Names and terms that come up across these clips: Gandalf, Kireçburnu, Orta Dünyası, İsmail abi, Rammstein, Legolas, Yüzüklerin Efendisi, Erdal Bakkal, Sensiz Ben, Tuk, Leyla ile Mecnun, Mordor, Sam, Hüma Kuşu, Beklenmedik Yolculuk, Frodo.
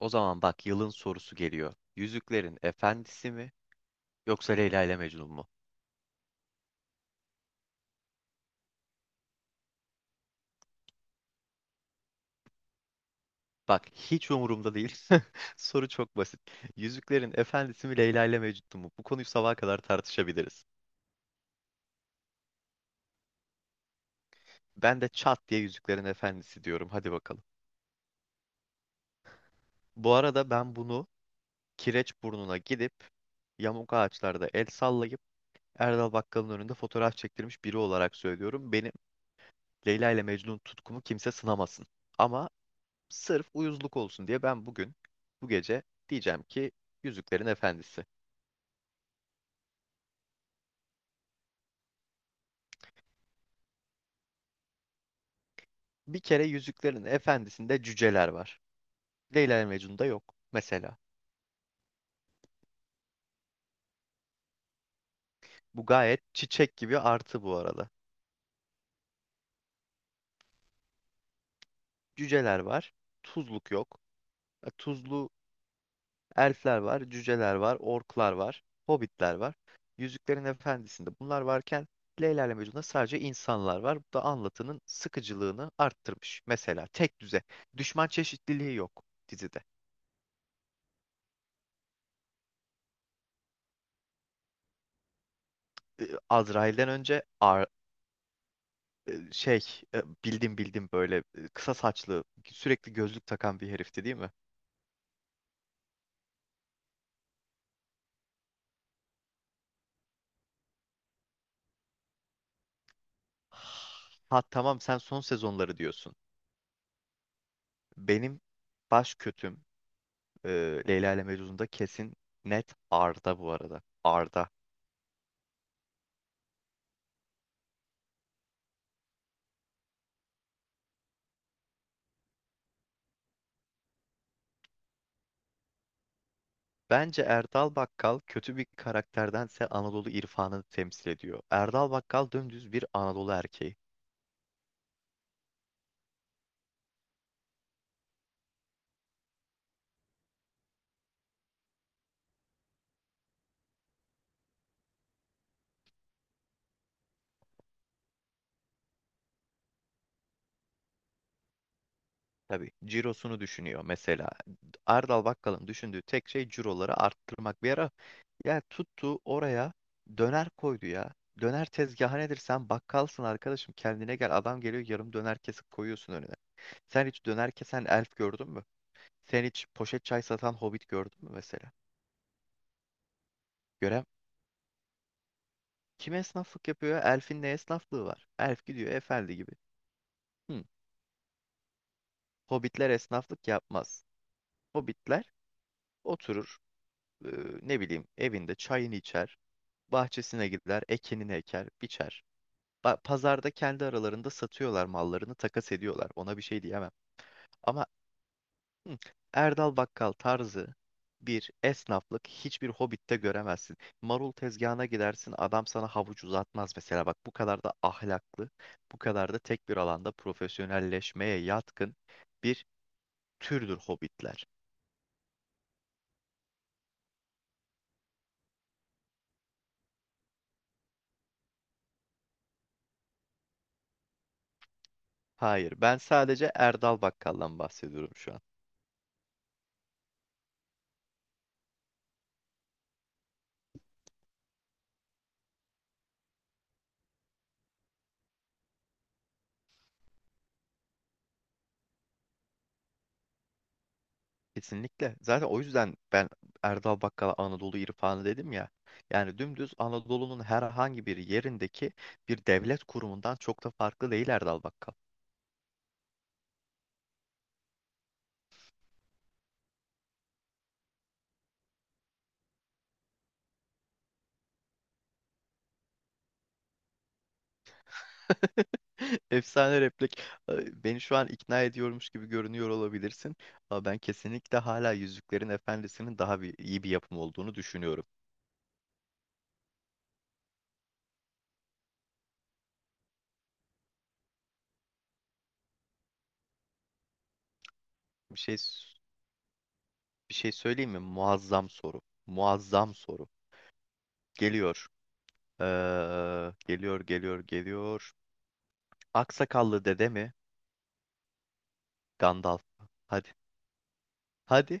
O zaman bak yılın sorusu geliyor. Yüzüklerin Efendisi mi yoksa Leyla ile Mecnun mu? Bak hiç umurumda değil. Soru çok basit. Yüzüklerin Efendisi mi Leyla ile Mecnun mu? Bu konuyu sabaha kadar tartışabiliriz. Ben de çat diye Yüzüklerin Efendisi diyorum. Hadi bakalım. Bu arada ben bunu Kireçburnu'na gidip yamuk ağaçlarda el sallayıp Erdal Bakkal'ın önünde fotoğraf çektirmiş biri olarak söylüyorum. Benim Leyla ile Mecnun tutkumu kimse sınamasın. Ama sırf uyuzluk olsun diye ben bugün, bu gece diyeceğim ki Yüzüklerin Efendisi. Bir kere Yüzüklerin Efendisi'nde cüceler var. Leyla ve Mecnun'da yok mesela. Bu gayet çiçek gibi artı bu arada. Cüceler var, tuzluk yok. Tuzlu elfler var, cüceler var, orklar var, hobbitler var. Yüzüklerin Efendisi'nde bunlar varken Leyla ile Mecnun'da sadece insanlar var. Bu da anlatının sıkıcılığını arttırmış. Mesela tek düze. Düşman çeşitliliği yok dizide. Azrail'den önce e, şey bildim bildim böyle kısa saçlı sürekli gözlük takan bir herifti değil mi? Ha tamam sen son sezonları diyorsun. Benim baş kötüm e, Leyla ile Mecnun'da kesin net Arda bu arada. Arda. Bence Erdal Bakkal kötü bir karakterdense Anadolu irfanını temsil ediyor. Erdal Bakkal dümdüz bir Anadolu erkeği. Tabii cirosunu düşünüyor mesela. Erdal Bakkal'ın düşündüğü tek şey ciroları arttırmak. Bir ara ya tuttu oraya döner koydu ya. Döner tezgahı nedir? Sen bakkalsın arkadaşım. Kendine gel. Adam geliyor yarım döner kesip koyuyorsun önüne. Sen hiç döner kesen elf gördün mü? Sen hiç poşet çay satan hobbit gördün mü mesela? Gören kim esnaflık yapıyor, ya? Elfin ne esnaflığı var? Elf gidiyor efendi gibi. Hı. Hobbitler esnaflık yapmaz. Hobbitler oturur, e, ne bileyim evinde çayını içer, bahçesine gider, ekinini eker, biçer. Pazarda kendi aralarında satıyorlar mallarını, takas ediyorlar. Ona bir şey diyemem. Ama hı, Erdal Bakkal tarzı bir esnaflık hiçbir Hobbit'te göremezsin. Marul tezgahına gidersin, adam sana havuç uzatmaz mesela. Bak bu kadar da ahlaklı, bu kadar da tek bir alanda profesyonelleşmeye yatkın bir türdür Hobbitler. Hayır, ben sadece Erdal Bakkal'dan bahsediyorum şu an. Kesinlikle. Zaten o yüzden ben Erdal Bakkal'a Anadolu irfanı dedim ya. Yani dümdüz Anadolu'nun herhangi bir yerindeki bir devlet kurumundan çok da farklı değil Erdal Bakkal. Efsane replik. Beni şu an ikna ediyormuş gibi görünüyor olabilirsin. Ama ben kesinlikle hala Yüzüklerin Efendisi'nin daha bir, iyi bir yapım olduğunu düşünüyorum. Bir şey bir şey söyleyeyim mi? Muazzam soru. Muazzam soru. Geliyor. Ee, geliyor, geliyor, geliyor. Aksakallı dede mi? Gandalf. Hadi. Hadi.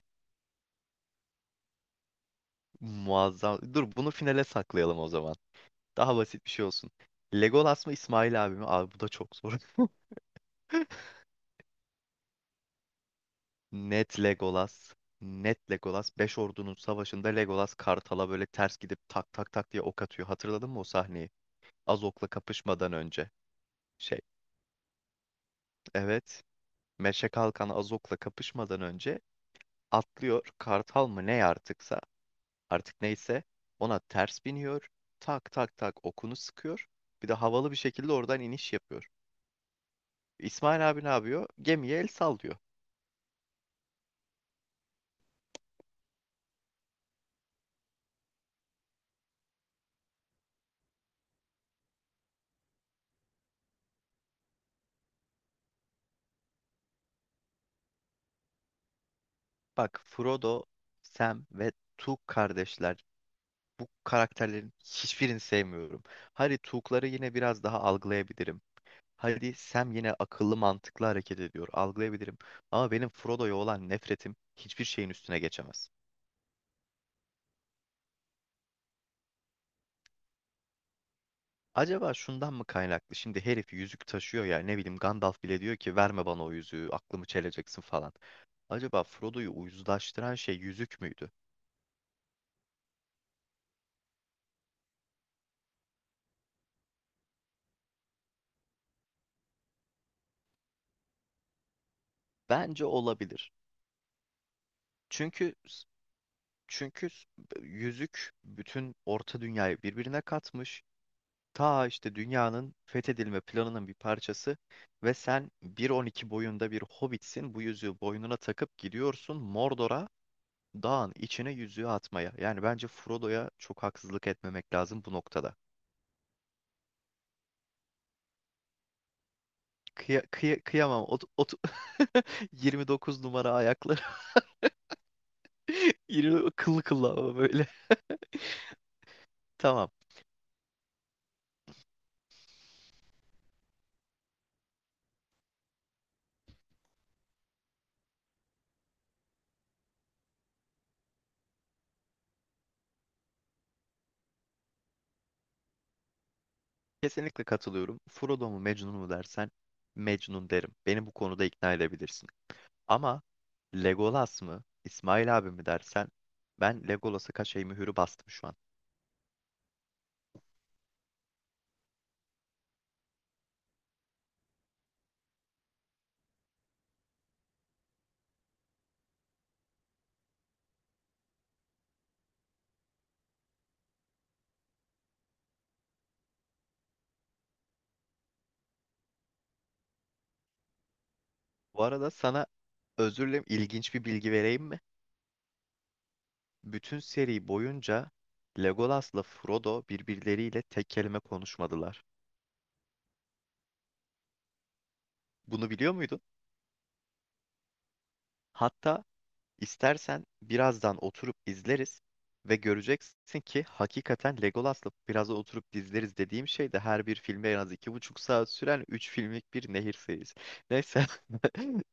Muazzam. Dur bunu finale saklayalım o zaman. Daha basit bir şey olsun. Legolas mı İsmail abi mi? Abi bu da çok zor. Net Legolas. Net Legolas. Beş ordunun savaşında Legolas Kartal'a böyle ters gidip tak tak tak diye ok atıyor. Hatırladın mı o sahneyi? Azok'la kapışmadan önce. Şey, evet. Meşe Kalkan Azok'la kapışmadan önce atlıyor. Kartal mı ne artıksa artık neyse ona ters biniyor. Tak tak tak okunu sıkıyor. Bir de havalı bir şekilde oradan iniş yapıyor. İsmail abi ne yapıyor? Gemiye el sallıyor. Bak Frodo, Sam ve Tuk kardeşler. Bu karakterlerin hiçbirini sevmiyorum. Hadi Tuk'ları yine biraz daha algılayabilirim. Hadi Sam yine akıllı mantıklı hareket ediyor. Algılayabilirim. Ama benim Frodo'ya olan nefretim hiçbir şeyin üstüne geçemez. Acaba şundan mı kaynaklı? Şimdi herif yüzük taşıyor ya, ne bileyim Gandalf bile diyor ki verme bana o yüzüğü aklımı çeleceksin falan. Acaba Frodo'yu uyuzlaştıran şey yüzük müydü? Bence olabilir. Çünkü çünkü yüzük bütün Orta Dünyayı birbirine katmış. Ta işte dünyanın fethedilme planının bir parçası ve sen bir 12 boyunda bir hobbitsin. Bu yüzüğü boynuna takıp gidiyorsun Mordor'a, Dağın içine yüzüğü atmaya. Yani bence Frodo'ya çok haksızlık etmemek lazım bu noktada. Kıyamam. 29 numara ayakları. Kıllı kıllı ama böyle. Tamam. Kesinlikle katılıyorum. Frodo mu Mecnun mu dersen Mecnun derim. Beni bu konuda ikna edebilirsin. Ama Legolas mı İsmail abi mi dersen ben Legolas'a kaşeyi mühürü bastım şu an. Bu arada sana özür dilerim, ilginç bir bilgi vereyim. Bütün seri boyunca Legolas'la Frodo birbirleriyle tek kelime konuşmadılar. Bunu biliyor muydun? Hatta istersen birazdan oturup izleriz ve göreceksin ki hakikaten Legolas'la, birazdan oturup izleriz dediğim şey de her bir filme en az 2,5 saat süren üç filmlik bir nehir serisi. Neyse.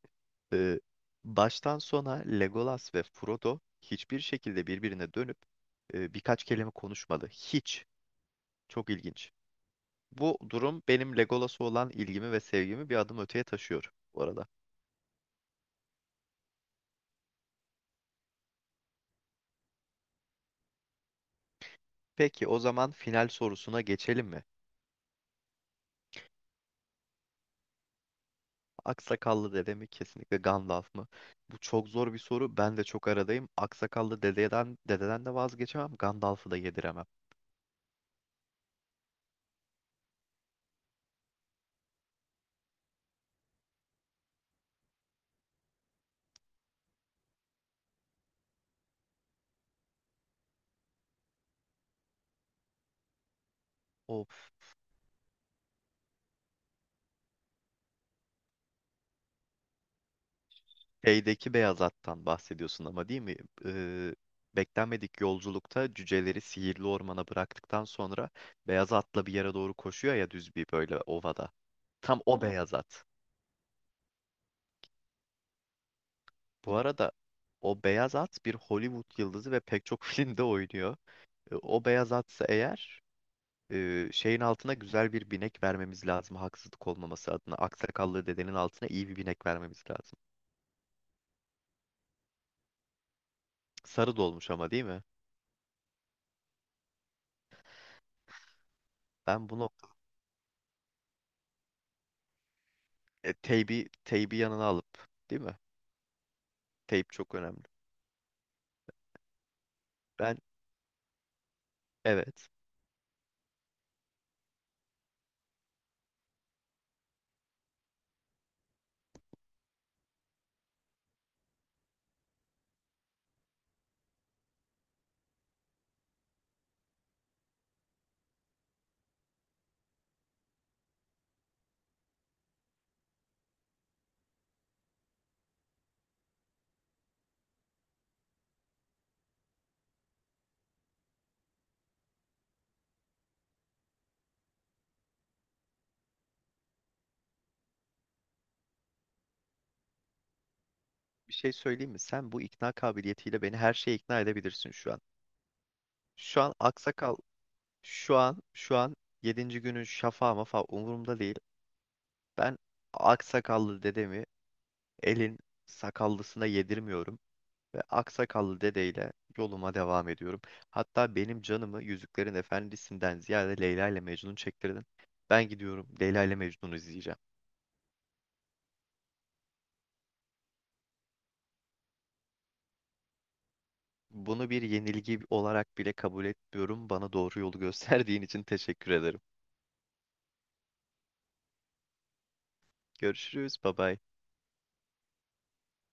Ee, baştan sona Legolas ve Frodo hiçbir şekilde birbirine dönüp birkaç kelime konuşmadı. Hiç. Çok ilginç. Bu durum benim Legolas'a olan ilgimi ve sevgimi bir adım öteye taşıyor bu arada. Peki o zaman final sorusuna geçelim mi? Aksakallı dede mi kesinlikle Gandalf mı? Bu çok zor bir soru. Ben de çok aradayım. Aksakallı dededen de vazgeçemem. Gandalf'ı da yediremem. O şeydeki beyaz attan bahsediyorsun ama değil mi? Ee, beklenmedik yolculukta cüceleri sihirli ormana bıraktıktan sonra beyaz atla bir yere doğru koşuyor ya, düz bir böyle ovada. Tam o beyaz at. Bu arada o beyaz at bir Hollywood yıldızı ve pek çok filmde oynuyor. O beyaz atsa eğer şeyin altına güzel bir binek vermemiz lazım, haksızlık olmaması adına. Aksakallı dedenin altına iyi bir binek vermemiz lazım. Sarı dolmuş ama değil mi? Ben bunu teybi yanına alıp değil mi? Teyp çok önemli. Ben, evet, bir şey söyleyeyim mi? Sen bu ikna kabiliyetiyle beni her şeye ikna edebilirsin şu an. Şu an aksakal şu an yedinci günün şafağı mafa umurumda değil. Ben aksakallı dedemi elin sakallısına yedirmiyorum ve aksakallı dedeyle yoluma devam ediyorum. Hatta benim canımı Yüzüklerin Efendisi'nden ziyade Leyla ile Mecnun çektirdin. Ben gidiyorum, Leyla ile Mecnun'u izleyeceğim. Bunu bir yenilgi olarak bile kabul etmiyorum. Bana doğru yolu gösterdiğin için teşekkür ederim. Görüşürüz. Bye bye.